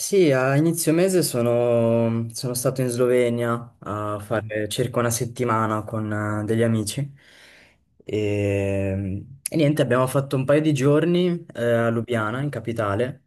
Sì, a inizio mese sono stato in Slovenia a fare circa una settimana con degli amici e, niente, abbiamo fatto un paio di giorni a Lubiana, in capitale,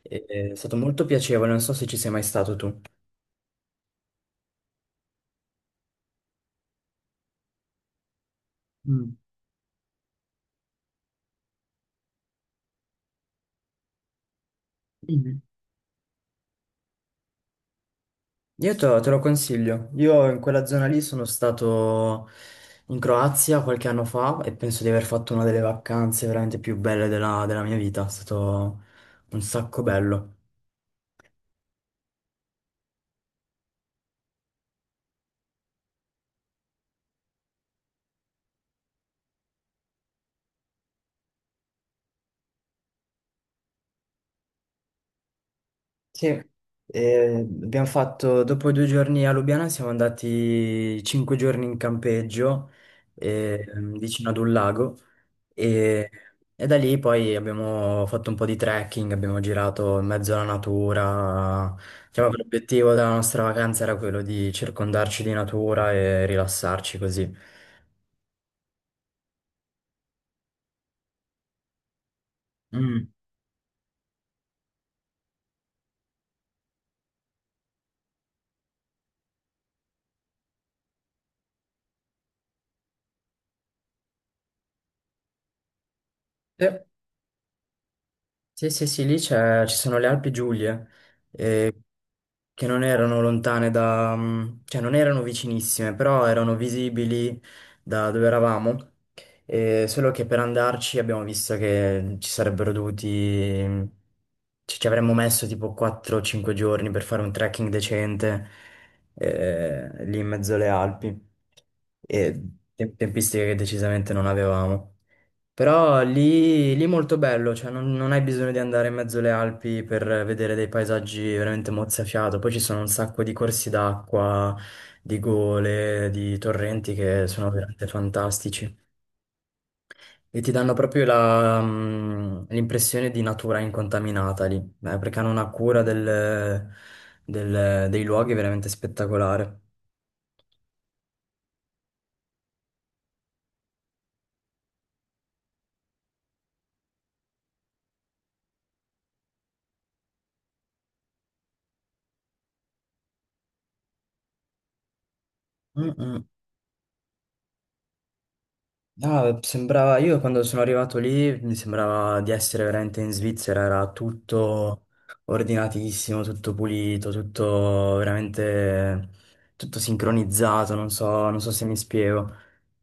e- è stato molto piacevole, non so se ci sei mai stato tu. Mm. Mhm. Io te lo consiglio, io in quella zona lì sono stato in Croazia qualche anno fa e penso di aver fatto una delle vacanze veramente più belle della mia vita, è stato un sacco bello. Sì, abbiamo fatto, dopo 2 giorni a Lubiana siamo andati 5 giorni in campeggio eh, vicino ad un lago e, da lì poi abbiamo fatto un po' di trekking, abbiamo girato in mezzo alla natura. Diciamo che l'obiettivo della nostra vacanza era quello di circondarci di natura e rilassarci così. Mm. Sì. Sì, sì, sì, lì ci sono le Alpi Giulie, eh, che non erano lontane cioè non erano vicinissime, però erano visibili da dove eravamo, solo che per andarci abbiamo visto che ci sarebbero dovuti... mm, ci avremmo messo tipo 4-5 giorni per fare un trekking decente, lì in mezzo alle Alpi, e tempistiche che decisamente non avevamo. Però lì, lì molto bello, cioè non hai bisogno di andare in mezzo alle Alpi per vedere dei paesaggi veramente mozzafiato. Poi ci sono un sacco di corsi d'acqua, di gole, di torrenti che sono veramente fantastici. E ti danno proprio l'impressione di natura incontaminata lì, perché hanno una cura dei luoghi veramente spettacolare. Mm, mm. No, sembrava, io quando sono arrivato lì mi sembrava di essere veramente in Svizzera, era tutto ordinatissimo, tutto pulito, tutto veramente, tutto sincronizzato, non so se mi spiego.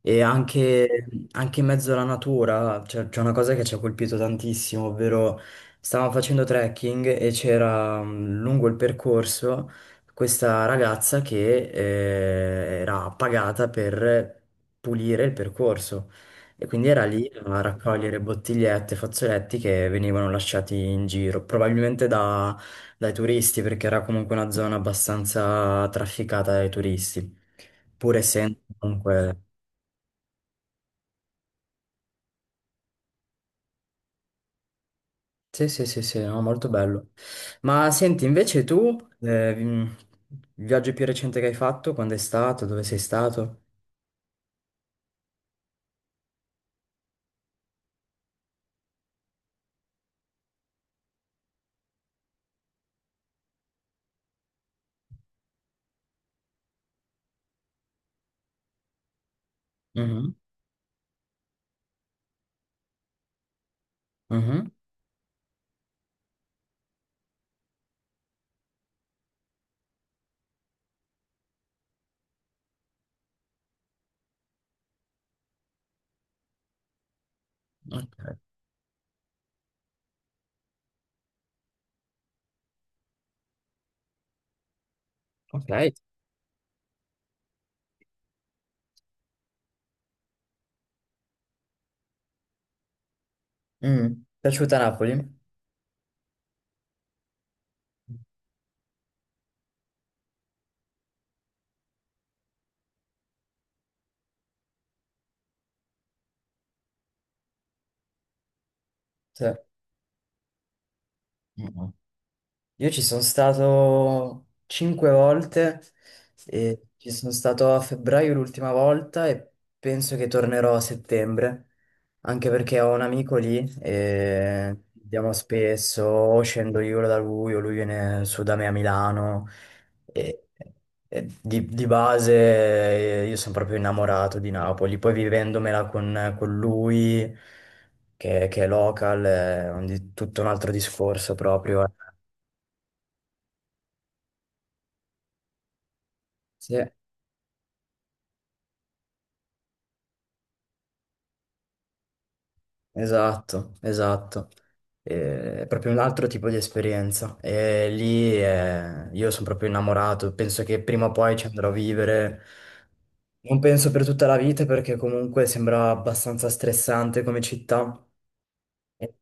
E anche in mezzo alla natura c'è una cosa che ci ha colpito tantissimo, ovvero stavamo facendo trekking e c'era lungo il percorso questa ragazza che era pagata per pulire il percorso e quindi era lì a raccogliere bottigliette, fazzoletti che venivano lasciati in giro, probabilmente dai turisti perché era comunque una zona abbastanza trafficata dai turisti, pur essendo comunque. Sì, sì, sì, sì, no, molto bello. Ma senti, invece tu, il viaggio più recente che hai fatto, quando è stato, dove sei stato? Mhm, mhm. Ok. Ok. Mm. Piaciuta Napoli? Sì. Mhm. Io ci sono stato cinque volte e ci sono stato a febbraio l'ultima volta e penso che tornerò a settembre, anche perché ho un amico lì e andiamo spesso, o scendo io da lui o lui viene su da me a Milano e, di base io sono proprio innamorato di Napoli, poi vivendomela con lui che è local è tutto un altro discorso proprio. Sì. Esatto, esatto. È proprio un altro tipo di esperienza. E lì io sono proprio innamorato. Penso che prima o poi ci andrò a vivere. Non penso per tutta la vita perché comunque sembra abbastanza stressante come città. E,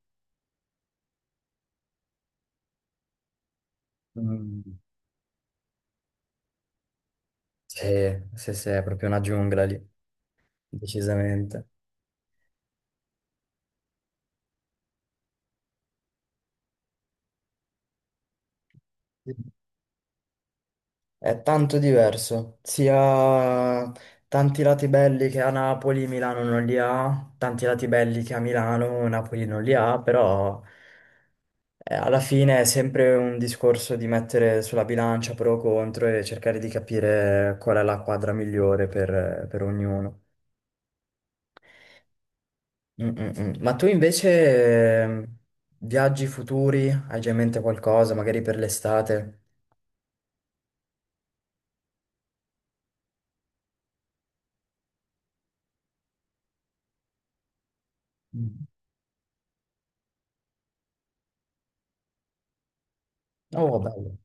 mm, sì, sì, sì, è proprio una giungla lì, decisamente. È tanto diverso, sia tanti lati belli che a Napoli, Milano non li ha, tanti lati belli che a Milano, Napoli non li ha, però alla fine è sempre un discorso di mettere sulla bilancia pro o contro e cercare di capire qual è la quadra migliore per ognuno. Mm, mm, mm. Ma tu invece viaggi futuri? Hai già in mente qualcosa, magari per l'estate? Mm. Oh, bello.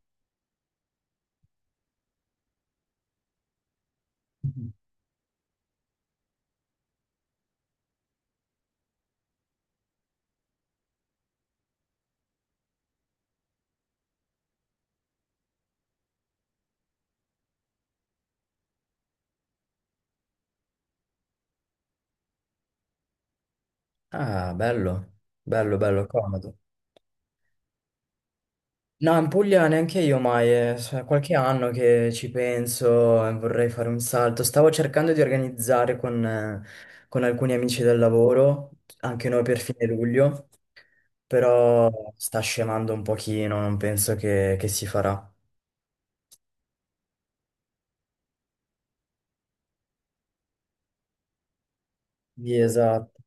Ah, bello, bello, bello, comodo. No, in Puglia neanche io mai, è qualche anno che ci penso e vorrei fare un salto. Stavo cercando di organizzare con alcuni amici del lavoro, anche noi per fine luglio, però sta scemando un pochino, non penso che si farà. Sì, esatto.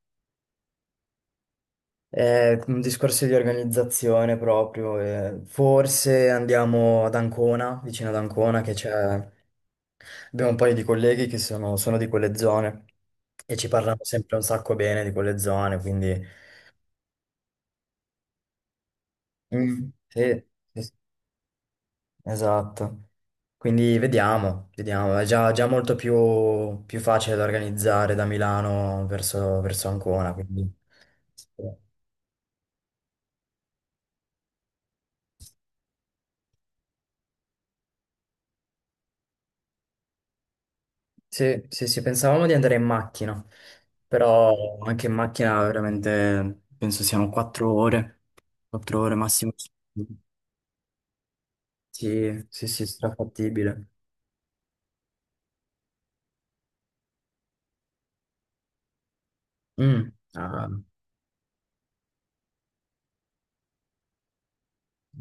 È un discorso di organizzazione proprio. Forse andiamo ad Ancona, vicino ad Ancona, che c'è Abbiamo un paio di colleghi che sono di quelle zone e ci parlano sempre un sacco bene di quelle zone, quindi. Mm, sì, sì, sì, esatto. Quindi vediamo, vediamo. È già molto più facile da organizzare da Milano verso Ancona, quindi. Sì, sì, sì, pensavamo di andare in macchina, però anche in macchina veramente penso siano 4 ore, 4 ore massimo. Sì, sì, sì, strafattibile. Mm, ah,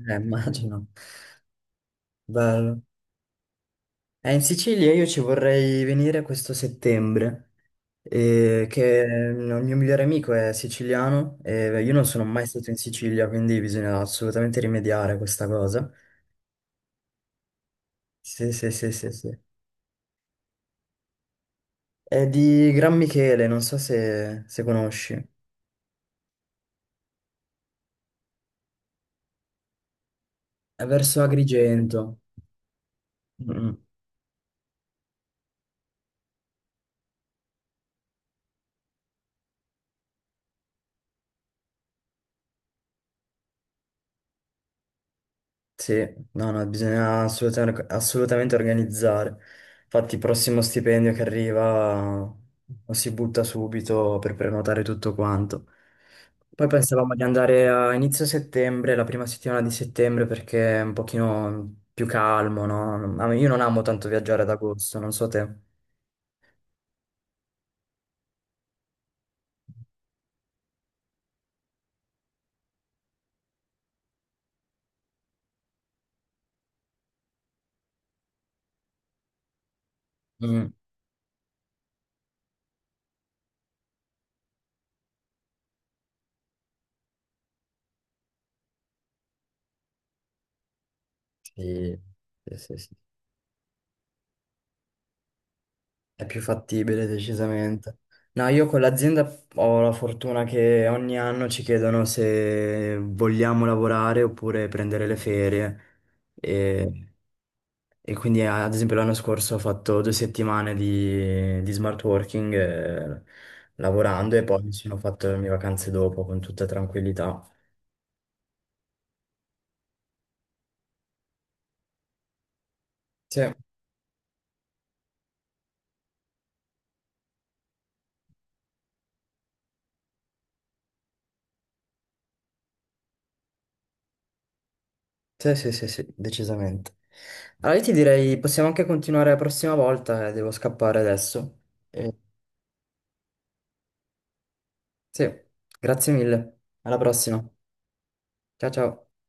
immagino. Bello. In Sicilia io ci vorrei venire questo settembre, che il mio migliore amico è siciliano e io non sono mai stato in Sicilia, quindi bisogna assolutamente rimediare a questa cosa. Sì, sì, sì, sì, sì. È di Gran Michele, non so se conosci. È verso Agrigento. Mm. Mm. Sì, no, no, bisogna assolutamente, assolutamente organizzare. Infatti, il prossimo stipendio che arriva lo si butta subito per prenotare tutto quanto. Poi pensavamo di andare a inizio settembre, la prima settimana di settembre, perché è un pochino più calmo, no? Io non amo tanto viaggiare ad agosto, non so te. Mm. Sì, sì, sì, sì. È più fattibile decisamente. No, io con l'azienda ho la fortuna che ogni anno ci chiedono se vogliamo lavorare oppure prendere le ferie. E, e quindi, ad esempio, l'anno scorso ho fatto 2 settimane di smart working lavorando e poi mi sono fatto le mie vacanze dopo con tutta tranquillità. Sì, sì, sì, sì, sì, decisamente. Allora, io ti direi, possiamo anche continuare la prossima volta, devo scappare adesso. Sì, grazie mille. Alla prossima. Ciao ciao.